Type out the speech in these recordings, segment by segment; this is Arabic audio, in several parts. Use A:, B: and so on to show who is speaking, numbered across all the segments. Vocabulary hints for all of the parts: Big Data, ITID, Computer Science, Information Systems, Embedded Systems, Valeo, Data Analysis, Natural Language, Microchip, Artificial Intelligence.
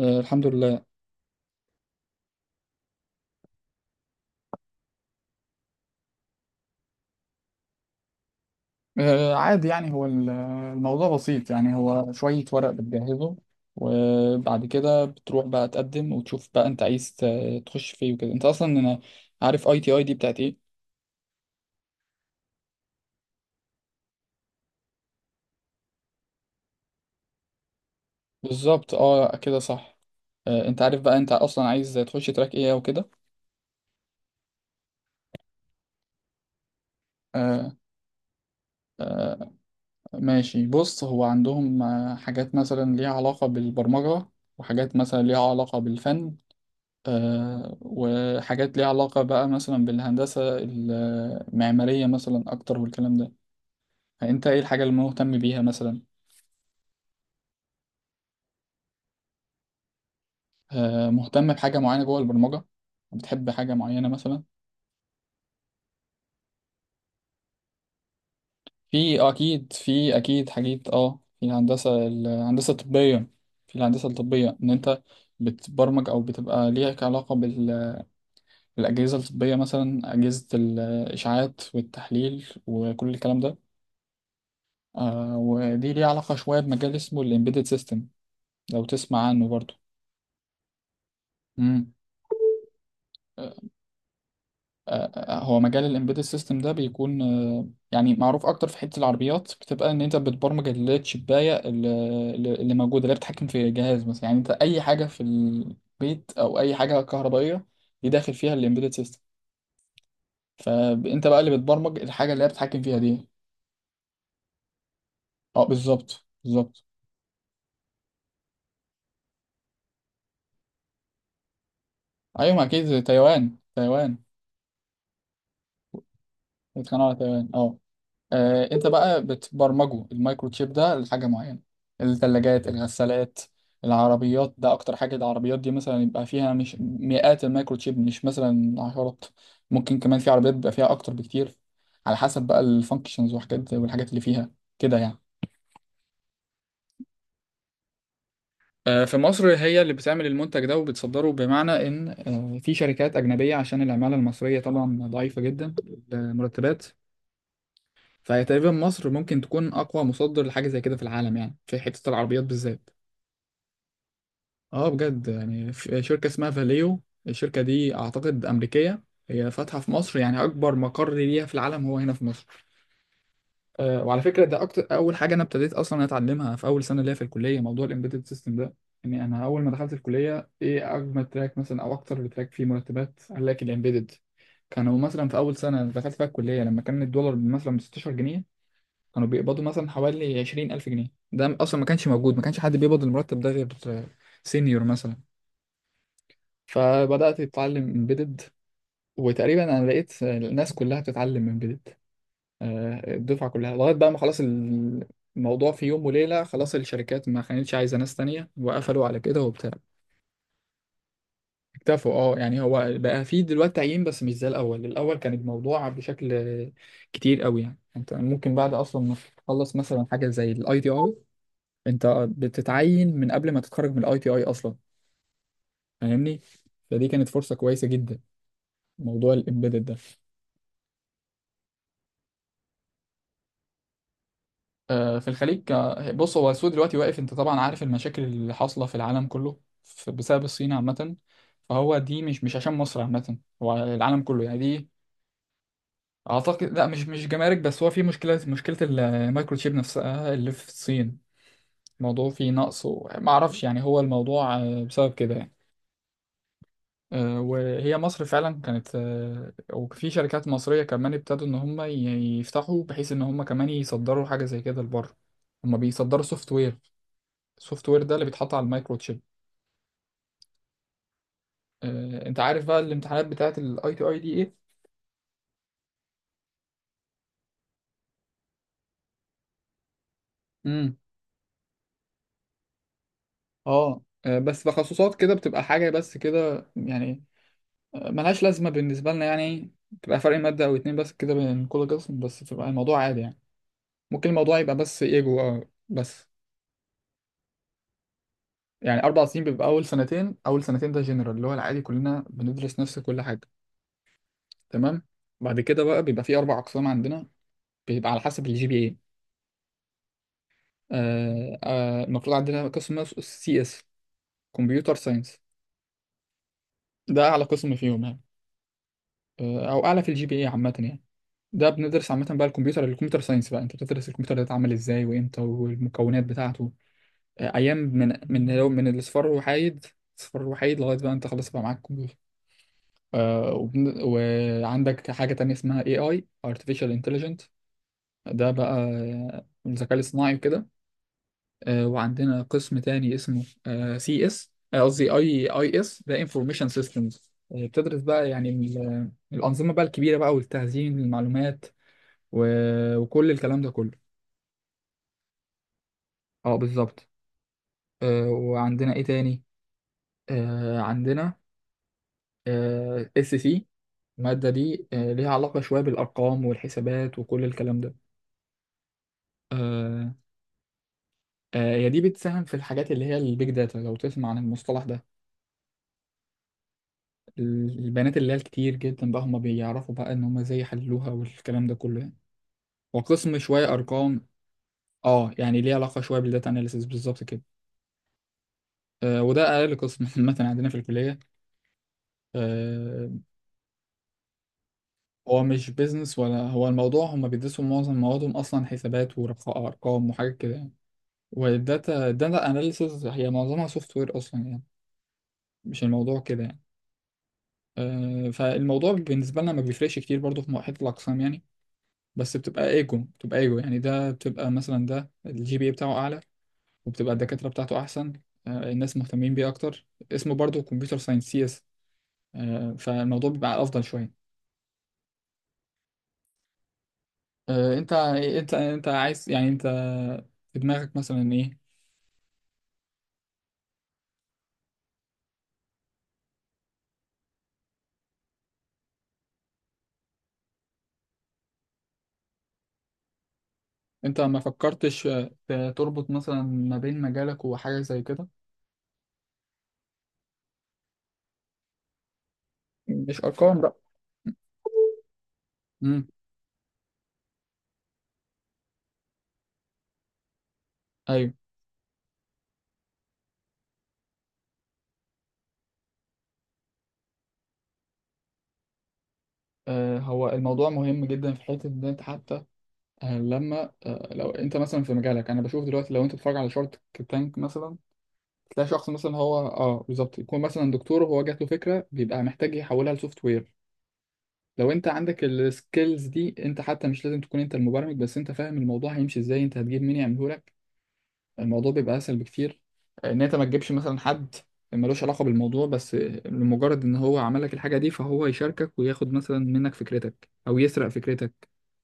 A: آه الحمد لله. عادي يعني هو الموضوع بسيط، يعني هو شوية ورق بتجهزه وبعد كده بتروح بقى تقدم وتشوف بقى انت عايز تخش فيه وكده. انت اصلا انا عارف اي تي اي دي بتاعت ايه. بالظبط، اه كده صح. انت عارف بقى انت اصلا عايز تخش تراك ايه وكده. آه آه ماشي، بص، هو عندهم حاجات مثلا ليها علاقة بالبرمجة، وحاجات مثلا ليها علاقة بالفن، وحاجات ليها علاقة بقى مثلا بالهندسة المعمارية مثلا أكتر والكلام ده. فأنت إيه الحاجة اللي مهتم بيها مثلا؟ مهتم بحاجة معينة جوه البرمجة؟ بتحب حاجة معينة مثلا؟ في أكيد في، أكيد حاجات، في الهندسة الطبية. في الهندسة الطبية، إن أنت بتبرمج أو بتبقى ليك علاقة بالأجهزة الطبية، مثلا أجهزة الإشعاعات والتحليل وكل الكلام ده. ودي ليها علاقة شوية بمجال اسمه الإمبيدد سيستم، لو تسمع عنه برضو. امم. هو مجال الامبيدد سيستم ده بيكون يعني معروف اكتر في حته العربيات، بتبقى ان انت بتبرمج الشبايه اللي، اللي موجوده، اللي بتتحكم في جهاز مثلا. يعني انت اي حاجه في البيت او اي حاجه كهربائيه دي داخل فيها الامبيدد سيستم، فانت بقى اللي بتبرمج الحاجه اللي هي بتتحكم فيها دي. اه، بالظبط. ايوه، ما اكيد تايوان. بيتخانقوا على تايوان، اه. انت بقى بتبرمجه، المايكرو تشيب ده لحاجه معينه، الثلاجات، الغسالات، العربيات، ده اكتر حاجه. العربيات دي مثلا يبقى فيها مش مئات المايكرو تشيب، مش مثلا عشرات. ممكن كمان في عربيات بيبقى فيها اكتر بكتير، على حسب بقى الفانكشنز وحاجات، والحاجات اللي فيها كده يعني. في مصر هي اللي بتعمل المنتج ده وبتصدره، بمعنى ان في شركات اجنبيه، عشان العماله المصريه طبعا ضعيفه جدا، المرتبات. فهي تقريبا مصر ممكن تكون اقوى مصدر لحاجه زي كده في العالم، يعني في حته العربيات بالذات. اه بجد، يعني في شركه اسمها فاليو. الشركه دي اعتقد امريكيه، هي فاتحه في مصر، يعني اكبر مقر ليها في العالم هو هنا في مصر. أه، وعلى فكره، ده اكتر، اول حاجه انا ابتديت اصلا اتعلمها في اول سنه ليا في الكليه موضوع الامبيدد سيستم ده. يعني انا اول ما دخلت الكليه، ايه اجمل تراك مثلا او اكتر تراك فيه مرتبات؟ قال لك الامبيدد. كانوا مثلا في اول سنه دخلت فيها الكليه، لما كان الدولار مثلا ب 16 جنيه، كانوا بيقبضوا مثلا حوالي 20 ألف جنيه. ده أصلا ما كانش موجود، ما كانش حد بيقبض المرتب ده غير سينيور مثلا. فبدأت أتعلم امبيدد، وتقريبا أنا لقيت الناس كلها بتتعلم امبيدد، الدفعة كلها، لغاية بقى ما خلاص، الموضوع في يوم وليلة خلاص الشركات ما كانتش عايزة ناس تانية، وقفلوا على كده وبتاع. اكتفوا، اه، يعني هو بقى في دلوقتي تعيين، بس مش زي الأول. الأول كان الموضوع بشكل كتير قوي، يعني انت ممكن بعد اصلا ما تخلص مثلا حاجه زي الاي تي اي، انت بتتعين من قبل ما تتخرج من الاي تي اي اصلا، فاهمني؟ فدي كانت فرصه كويسه جدا، موضوع الامبيدد ده. في الخليج، بص، هو السوق دلوقتي واقف، انت طبعا عارف المشاكل اللي حاصله في العالم كله بسبب الصين عامه. فهو دي مش، مش عشان مصر عامه، هو العالم كله يعني دي. اعتقد لا، مش، مش جمارك بس، هو في مشكله المايكروتشيب نفسها اللي في الصين، الموضوع فيه نقص. وما اعرفش يعني هو الموضوع بسبب كده يعني. وهي مصر فعلا كانت وفي شركات مصرية كمان ابتدوا إن هم يفتحوا، بحيث إن هم كمان يصدروا حاجة زي كده لبره. هم بيصدروا سوفت وير، السوفت وير ده اللي بيتحط على المايكرو تشيب. أنت عارف بقى الامتحانات بتاعة الأي تي أي دي إيه؟ امم. اه بس تخصصات كده بتبقى حاجة بس كده يعني. ملهاش لازمة بالنسبة لنا، يعني بتبقى فرق مادة أو اتنين بس كده بين كل قسم، بس بتبقى الموضوع عادي يعني. ممكن الموضوع يبقى بس إيجو بس. يعني 4 سنين، بيبقى اول سنتين، اول سنتين ده جنرال، اللي هو العادي كلنا بندرس نفس كل حاجه. تمام. بعد كده بقى بيبقى في 4 اقسام عندنا، بيبقى على حسب الجي بي اي. المفروض عندنا قسم اسمه سي اس، كمبيوتر ساينس، ده اعلى قسم فيهم يعني، او اعلى في الجي بي اي عامه يعني. ده بندرس عامه بقى الكمبيوتر، ساينس بقى، انت بتدرس الكمبيوتر ده اتعمل ازاي وامتى والمكونات بتاعته، ايام، من من الاصفار الوحيد، الاصفار الوحيد لغايه بقى انت خلاص بقى معاك. وعندك حاجة تانية اسمها AI، Artificial Intelligence، ده بقى الذكاء الاصطناعي وكده. وعندنا قسم تاني اسمه CS، قصدي اي اي اس، ده انفورميشن سيستمز، بتدرس بقى يعني الانظمه بقى الكبيره بقى، والتخزين المعلومات وكل الكلام ده كله. اه بالظبط. وعندنا ايه تاني، عندنا اس سي، الماده دي ليها علاقه شويه بالارقام والحسابات وكل الكلام ده. آه، هي دي بتساهم في الحاجات اللي هي البيج داتا، لو تسمع عن المصطلح ده، البيانات اللي هي الكتير جدا، بقى هم بيعرفوا بقى ان هم ازاي يحللوها والكلام ده كله يعني. وقسم شوية ارقام، اه يعني ليه علاقة شوية بالداتا اناليسيس بالظبط كده. آه، وده اقل قسم عامة عندنا في الكلية، آه. هو مش بيزنس، ولا هو الموضوع هم بيدرسوا معظم موادهم اصلا حسابات وارقام وحاجات كده يعني، الداتا اناليسيس هي معظمها سوفت وير اصلا يعني، مش الموضوع كده يعني. فالموضوع بالنسبة لنا ما بيفرقش كتير برضو في حتة الأقسام يعني، بس بتبقى ايجو، بتبقى ايجو يعني، ده بتبقى مثلا ده الجي بي بتاعه أعلى، وبتبقى الدكاترة بتاعته أحسن، الناس مهتمين بيه أكتر، اسمه برضو كمبيوتر ساينس سي اس، فالموضوع بيبقى أفضل شوية. أنت عايز يعني، أنت في دماغك مثلا إيه؟ أنت ما فكرتش تربط مثلا ما بين مجالك وحاجة زي كده؟ مش أرقام بقى. امم. أيوه. هو الموضوع مهم جدا في حتة إن أنت حتى، آه، لما آه، لو انت مثلا في مجالك، انا بشوف دلوقتي لو انت بتتفرج على شارك تانك مثلا، تلاقي شخص مثلا، هو اه بالظبط، يكون مثلا دكتور، وهو جات له فكره، بيبقى محتاج يحولها لسوفت وير. لو انت عندك السكيلز دي، انت حتى مش لازم تكون انت المبرمج، بس انت فاهم الموضوع هيمشي ازاي، انت هتجيب مين يعمله لك، الموضوع بيبقى اسهل بكتير. ان انت ما تجيبش مثلا حد ملوش علاقه بالموضوع، بس لمجرد ان هو عمل لك الحاجه دي، فهو يشاركك وياخد مثلا منك فكرتك، او يسرق فكرتك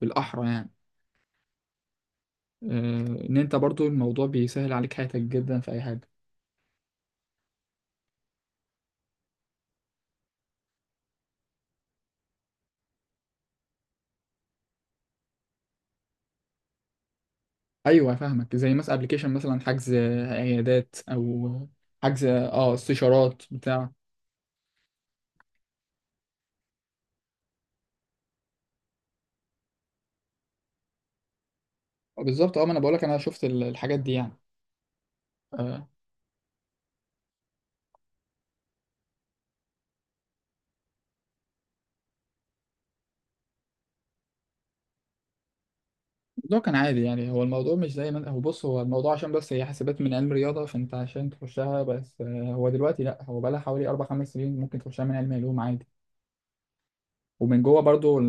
A: بالاحرى يعني. آه، ان انت برضو الموضوع بيسهل عليك حياتك جدا في اي حاجه. ايوه فاهمك، زي مثلا ابلكيشن مثلا حجز عيادات، او حجز اه استشارات بتاع. بالظبط اه، ما انا بقولك انا شفت الحاجات دي يعني. آه، الموضوع كان عادي يعني، هو الموضوع مش زي ما هو، بص، هو الموضوع عشان بس هي حاسبات من علم رياضه، فانت عشان تخشها بس هو دلوقتي لا، هو بقى لها حوالي 4 5 سنين ممكن تخشها من علم علوم عادي، ومن جوه برضو.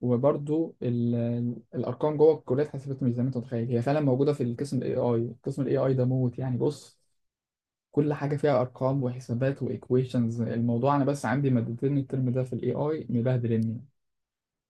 A: وبرضو الارقام جوه الكليه اتحسبت مش زي ما انت متخيل، هي فعلا موجوده في القسم الاي اي، قسم الاي اي ده موت يعني، بص، كل حاجه فيها ارقام وحسابات وايكويشنز. الموضوع انا بس عندي مادتين الترم ده في الاي اي مبهدلني،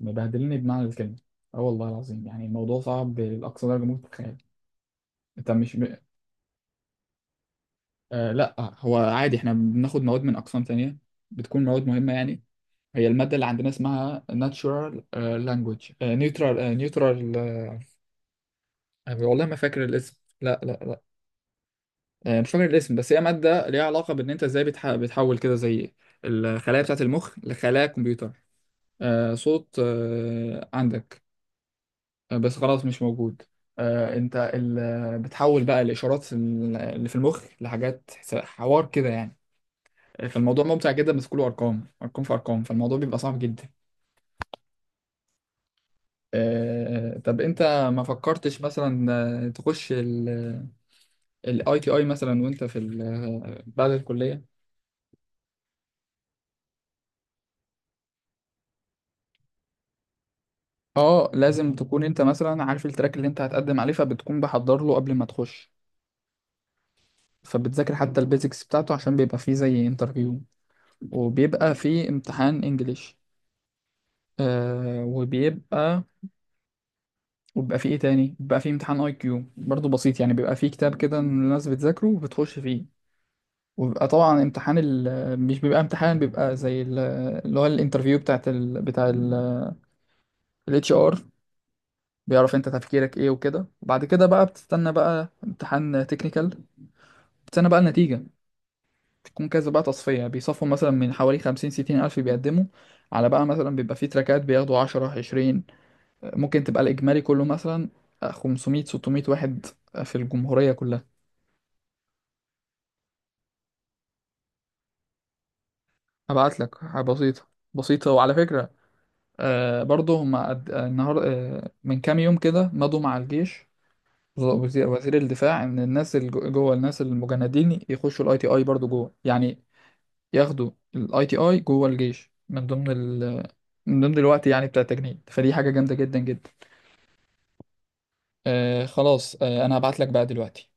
A: بمعنى الكلمه. اه والله العظيم، يعني الموضوع صعب لاقصى درجه ممكن تتخيل. انت مش ب... آه لا، هو عادي احنا بناخد مواد من اقسام تانية، بتكون مواد مهمه يعني. هي الماده اللي عندنا اسمها natural language، نيوترال. أنا والله ما فاكر الاسم، لا. مش فاكر الاسم، بس هي مادة ليها علاقة بإن أنت إزاي بتح... بتحول كده زي الخلايا بتاعة المخ لخلايا كمبيوتر. آه صوت، آه عندك. بس خلاص مش موجود. آه أنت ال... آه، بتحول بقى الإشارات اللي في المخ لحاجات حس- حوار كده يعني. فالموضوع ممتع جدا، بس كله أرقام، في أرقام، فالموضوع بيبقى صعب جدا. آه طب أنت ما فكرتش مثلا تخش ال... الاي تي اي مثلا، وانت في بعد الكليه؟ اه لازم تكون انت مثلا عارف التراك اللي انت هتقدم عليه، فبتكون بحضر له قبل ما تخش، فبتذاكر حتى البيزكس بتاعته، عشان بيبقى فيه زي انترفيو، وبيبقى فيه امتحان انجليش، آه وبيبقى وبيبقى فيه ايه تاني، بيبقى فيه امتحان اي كيو برضه بسيط يعني، بيبقى فيه كتاب كده إن الناس بتذاكره وبتخش فيه، وبيبقى طبعا امتحان مش بيبقى امتحان، بيبقى زي اللي هو الانترفيو بتاعت بتاع الاتش ار، بيعرف انت تفكيرك ايه وكده، وبعد كده بقى بتستنى بقى امتحان تكنيكال، بتستنى بقى النتيجة. بتكون كذا بقى تصفية، بيصفوا مثلا من حوالي 50-60 ألف بيقدموا، على بقى مثلا بيبقى في تراكات بياخدوا 10-20، ممكن تبقى الإجمالي كله مثلا 500-600 واحد في الجمهورية كلها. هبعت لك حاجة بسيطة، بسيطة. وعلى فكرة، برضه هما قد- آه، النهار آه من كام يوم كده مضوا مع الجيش، وزير الدفاع، إن الناس اللي جوه الناس المجندين يخشوا الأي تي أي برضه جوه يعني، ياخدوا الاي تي اي جوه الجيش من ضمن من ضمن الوقت يعني بتاع التجنيد. فدي حاجة جامدة جدا جدا. آه خلاص آه انا هبعت لك بقى دلوقتي.